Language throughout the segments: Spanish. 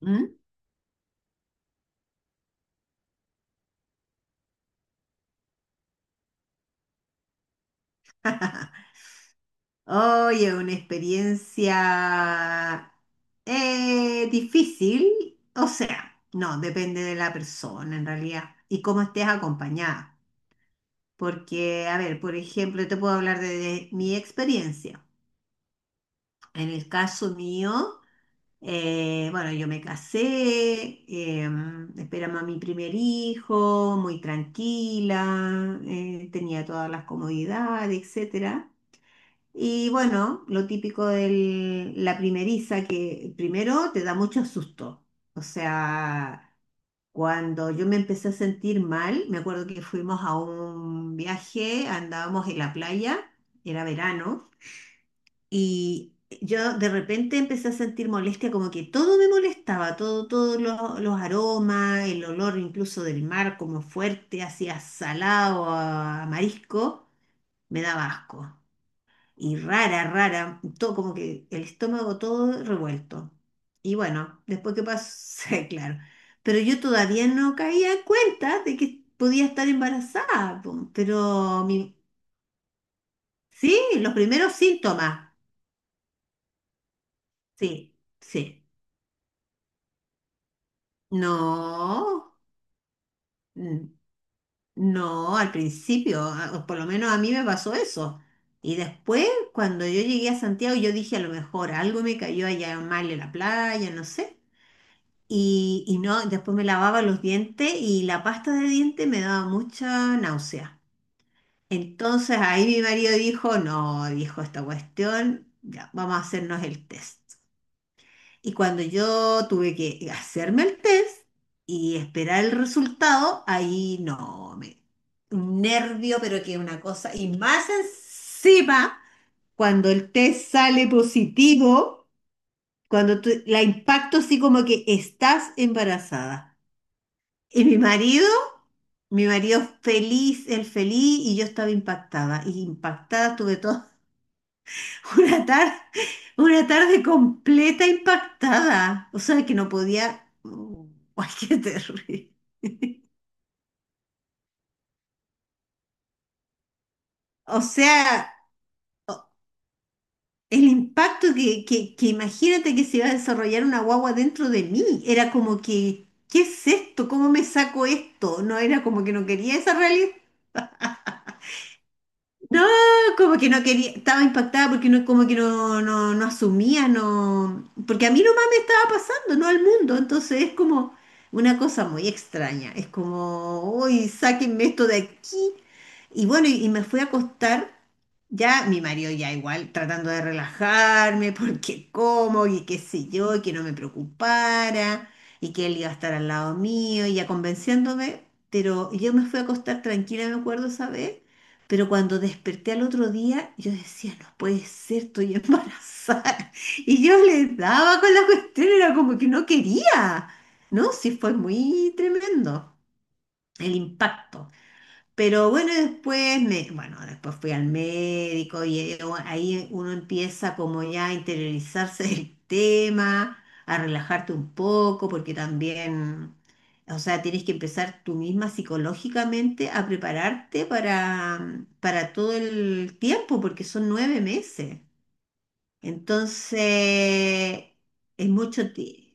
¿Mm? Oye, una experiencia difícil, o sea, no, depende de la persona en realidad y cómo estés acompañada. Porque, a ver, por ejemplo, te puedo hablar de mi experiencia. En el caso mío, bueno, yo me casé, esperamos a mi primer hijo, muy tranquila, tenía todas las comodidades, etcétera. Y bueno, lo típico de la primeriza, que primero te da mucho susto. O sea, cuando yo me empecé a sentir mal, me acuerdo que fuimos a un viaje, andábamos en la playa, era verano, y yo de repente empecé a sentir molestia, como que todo me molestaba, todo, los aromas, el olor incluso del mar como fuerte, hacia salado, a marisco, me daba asco y rara, rara, todo como que el estómago todo revuelto. Y bueno, después que pasó, claro. Pero yo todavía no caía en cuenta de que podía estar embarazada, po, sí, los primeros síntomas, sí, sí. No, mm, no, al principio, o por lo menos a mí me pasó eso. Y después, cuando yo llegué a Santiago, yo dije, a lo mejor algo me cayó allá mal en la playa, no sé. Y no, después me lavaba los dientes y la pasta de dientes me daba mucha náusea. Entonces ahí mi marido dijo, no, dijo esta cuestión, ya, vamos a hacernos el test. Y cuando yo tuve que hacerme el test y esperar el resultado, ahí no, me, un nervio, pero que una cosa. Y más encima, cuando el test sale positivo, la impacto así como que estás embarazada. Y mi marido feliz, él feliz y yo estaba impactada. Y impactada estuve toda una tarde, una tarde completa impactada. O sea, que no podía... ¡Ay, qué terrible! O sea, o- el impacto que imagínate que se iba a desarrollar una guagua dentro de mí. Era como que, ¿qué es esto? ¿Cómo me saco esto? No era como que no quería esa realidad. No, como que no quería, estaba impactada porque no, como que no asumía, no, porque a mí nomás me estaba pasando, no al mundo, entonces es como una cosa muy extraña, es como, uy, sáquenme esto de aquí. Y bueno, y me fui a acostar, ya mi marido ya igual, tratando de relajarme, porque como, y qué sé yo, y que no me preocupara, y que él iba a estar al lado mío, y ya convenciéndome, pero yo me fui a acostar tranquila, me acuerdo, ¿sabes? Pero cuando desperté al otro día, yo decía, no puede ser, estoy embarazada. Y yo le daba con la cuestión, era como que no quería. No, sí fue muy tremendo el impacto. Pero bueno, bueno, después fui al médico y ahí uno empieza como ya a interiorizarse del tema, a relajarte un poco, porque también, o sea, tienes que empezar tú misma psicológicamente a prepararte para, para todo el tiempo, porque son 9 meses. Entonces, es mucho tiempo.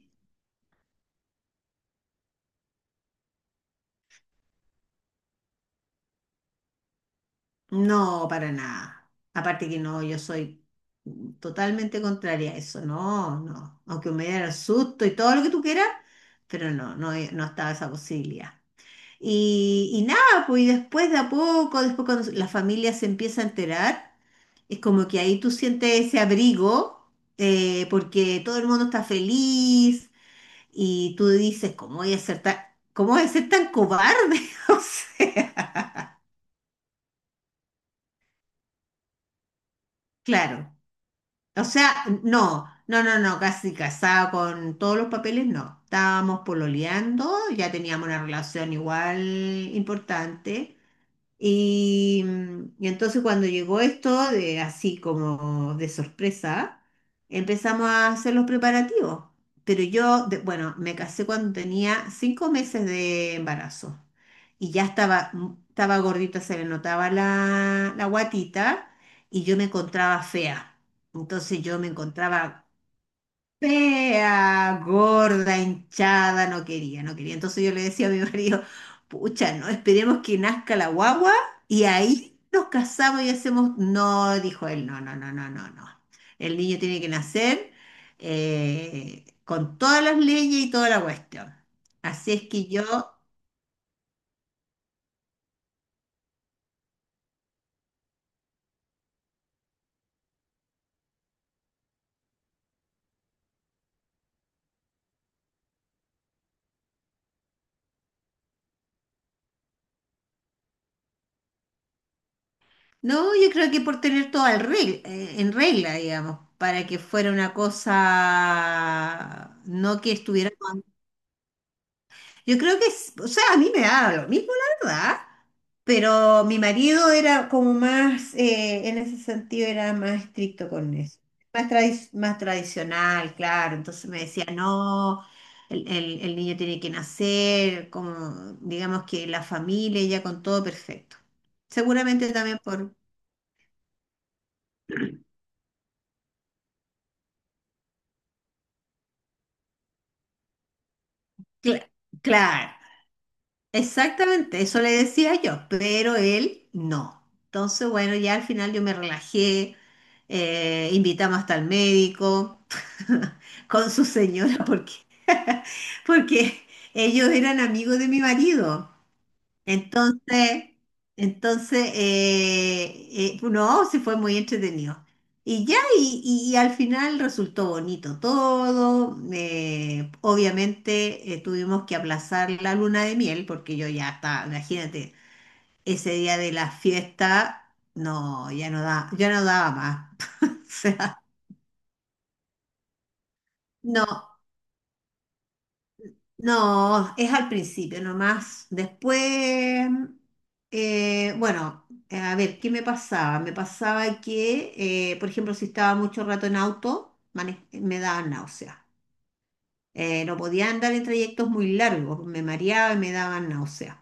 No, para nada. Aparte que no, yo soy totalmente contraria a eso. No, no. Aunque me diera el susto y todo lo que tú quieras, pero no estaba esa posibilidad. Y nada, pues y después de a poco, después cuando la familia se empieza a enterar, es como que ahí tú sientes ese abrigo, porque todo el mundo está feliz y tú dices, ¿cómo voy a ser tan, cómo voy a ser tan cobarde? O sea, claro. O sea, no, casi casada con todos los papeles, no. Estábamos pololeando, ya teníamos una relación igual importante. Y, y entonces cuando llegó esto, de, así como de sorpresa, empezamos a hacer los preparativos. Pero yo, bueno, me casé cuando tenía 5 meses de embarazo y ya estaba, estaba gordita, se le notaba la guatita y yo me encontraba fea. Entonces yo me encontraba fea, gorda, hinchada, no quería, no quería. Entonces yo le decía a mi marido, pucha, no, esperemos que nazca la guagua y ahí nos casamos y hacemos. No, dijo él, no, no, no, no, no, no. El niño tiene que nacer con todas las leyes y toda la cuestión. Así es que yo, no, yo creo que por tener todo en regla, digamos, para que fuera una cosa, no que estuviera. Yo creo que, o sea, a mí me daba lo mismo, la verdad, pero mi marido era como más, en ese sentido, era más estricto con eso. Más, más tradicional, claro. Entonces me decía, no, el niño tiene que nacer, como, digamos que la familia ya con todo perfecto. Seguramente también por... cla- claro. Exactamente, eso le decía yo, pero él no. Entonces, bueno, ya al final yo me relajé, invitamos hasta el médico con su señora, porque, porque ellos eran amigos de mi marido. Entonces, entonces, eh, no, sí fue muy entretenido. Y ya, y, y al final resultó bonito todo. Obviamente tuvimos que aplazar la luna de miel porque yo ya estaba, imagínate, ese día de la fiesta, no, ya no da, ya no daba más. O sea, no, no, es al principio nomás. Después, bueno, a ver, ¿qué me pasaba? Me pasaba que, por ejemplo, si estaba mucho rato en auto, me daban náuseas. No podía andar en trayectos muy largos, me mareaba y me daban náuseas.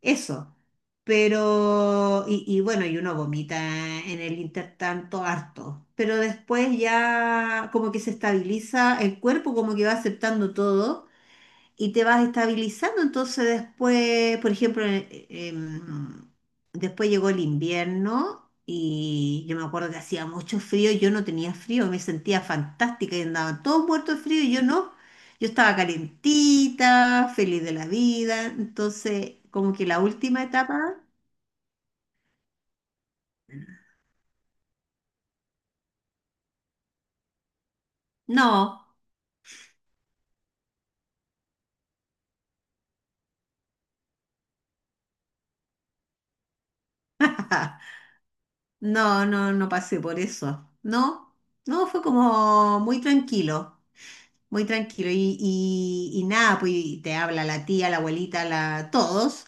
Eso. Y bueno, y uno vomita en el intertanto harto. Pero después ya como que se estabiliza el cuerpo, como que va aceptando todo y te vas estabilizando. Entonces después, por ejemplo, después llegó el invierno y yo me acuerdo que hacía mucho frío, yo no tenía frío, me sentía fantástica y andaban todos muertos de frío y yo no. Yo estaba calentita, feliz de la vida. Entonces, como que la última etapa, no, no pasé por eso. No, no, fue como muy tranquilo. Muy tranquilo. Y nada, pues y te habla la tía, la abuelita, la, todos.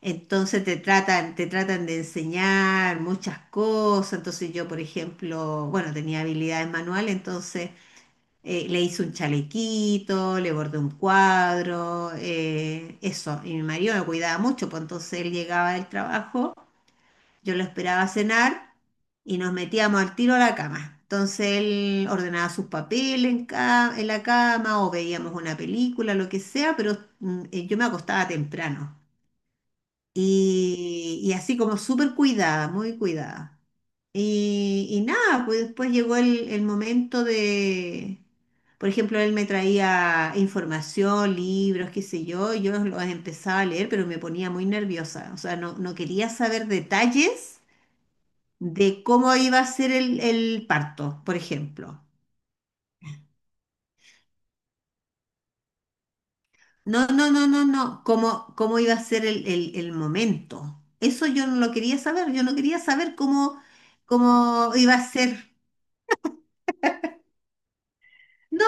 Entonces te tratan de enseñar muchas cosas. Entonces yo, por ejemplo, bueno, tenía habilidades manuales, entonces le hice un chalequito, le bordé un cuadro, eso. Y mi marido me cuidaba mucho, pues entonces él llegaba del trabajo. Yo lo esperaba cenar y nos metíamos al tiro a la cama. Entonces él ordenaba sus papeles en la cama o veíamos una película, lo que sea, pero yo me acostaba temprano. Y así como súper cuidada, muy cuidada. Y nada, pues después llegó el momento de, por ejemplo, él me traía información, libros, qué sé yo, yo los empezaba a leer, pero me ponía muy nerviosa, o sea, no, no quería saber detalles de cómo iba a ser el parto, por ejemplo. No, no, no, no, no, cómo, cómo iba a ser el momento. Eso yo no lo quería saber, yo no quería saber cómo, cómo iba a ser. No,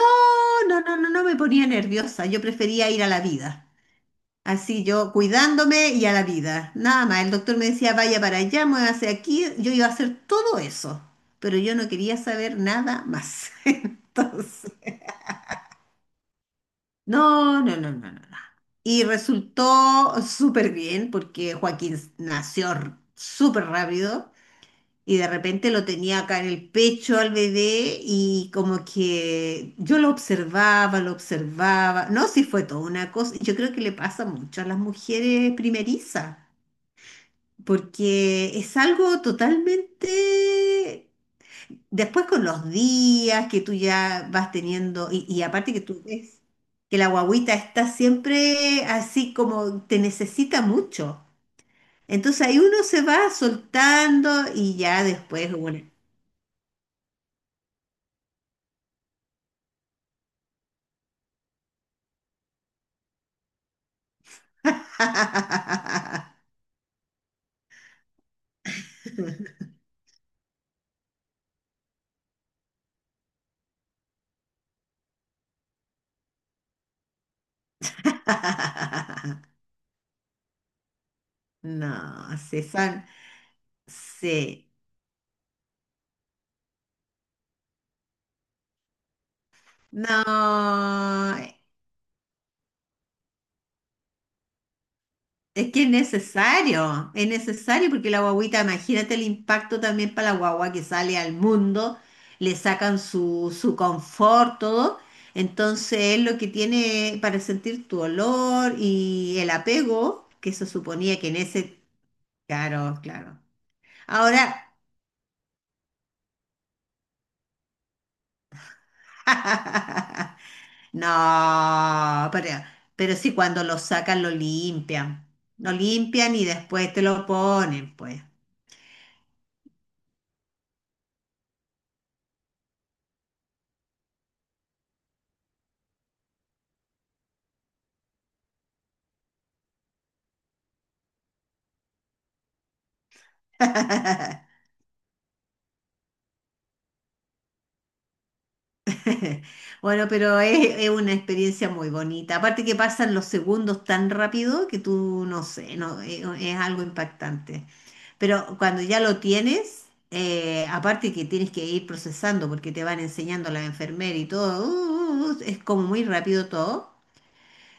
no, no, no, no me ponía nerviosa, yo prefería ir a la vida. Así yo cuidándome y a la vida. Nada más, el doctor me decía, vaya para allá, muévase aquí, yo iba a hacer todo eso, pero yo no quería saber nada más. Entonces... No, no, no, no, no, no. Y resultó súper bien porque Joaquín nació súper rápido y de repente lo tenía acá en el pecho al bebé y como que yo lo observaba, lo observaba. No, sí fue toda una cosa. Yo creo que le pasa mucho a las mujeres primerizas porque es algo totalmente. Después con los días que tú ya vas teniendo, y aparte que tú ves que la guagüita está siempre así como te necesita mucho. Entonces ahí uno se va soltando y ya después uno. No, se son, sí. No, es que es necesario porque la guagüita, imagínate el impacto también para la guagua que sale al mundo, le sacan su, su confort, todo. Entonces es lo que tiene para sentir tu olor y el apego, que se suponía que en ese... Claro, claro. Ahora, no, pero sí cuando lo sacan lo limpian y después te lo ponen, pues. Bueno, pero es una experiencia muy bonita. Aparte que pasan los segundos tan rápido que tú no sé, no, es algo impactante. Pero cuando ya lo tienes, aparte que tienes que ir procesando porque te van enseñando la enfermera y todo, es como muy rápido todo.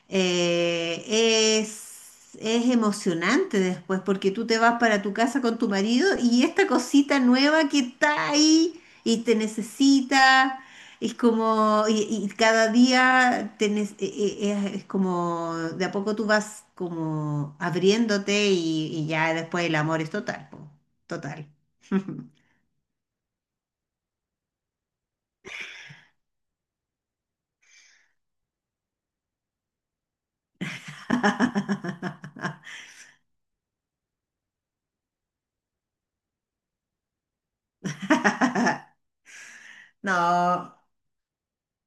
Eh, es emocionante después porque tú te vas para tu casa con tu marido y esta cosita nueva que está ahí y te necesita, es como, y cada día te ne- e- e- es como, de a poco tú vas como abriéndote y ya después el amor es total, po, total. No.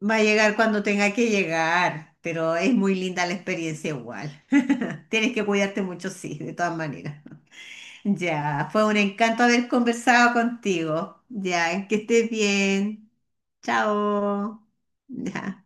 Va a llegar cuando tenga que llegar, pero es muy linda la experiencia igual. Tienes que cuidarte mucho, sí, de todas maneras. Ya, fue un encanto haber conversado contigo. Ya, que estés bien. Chao. Ya.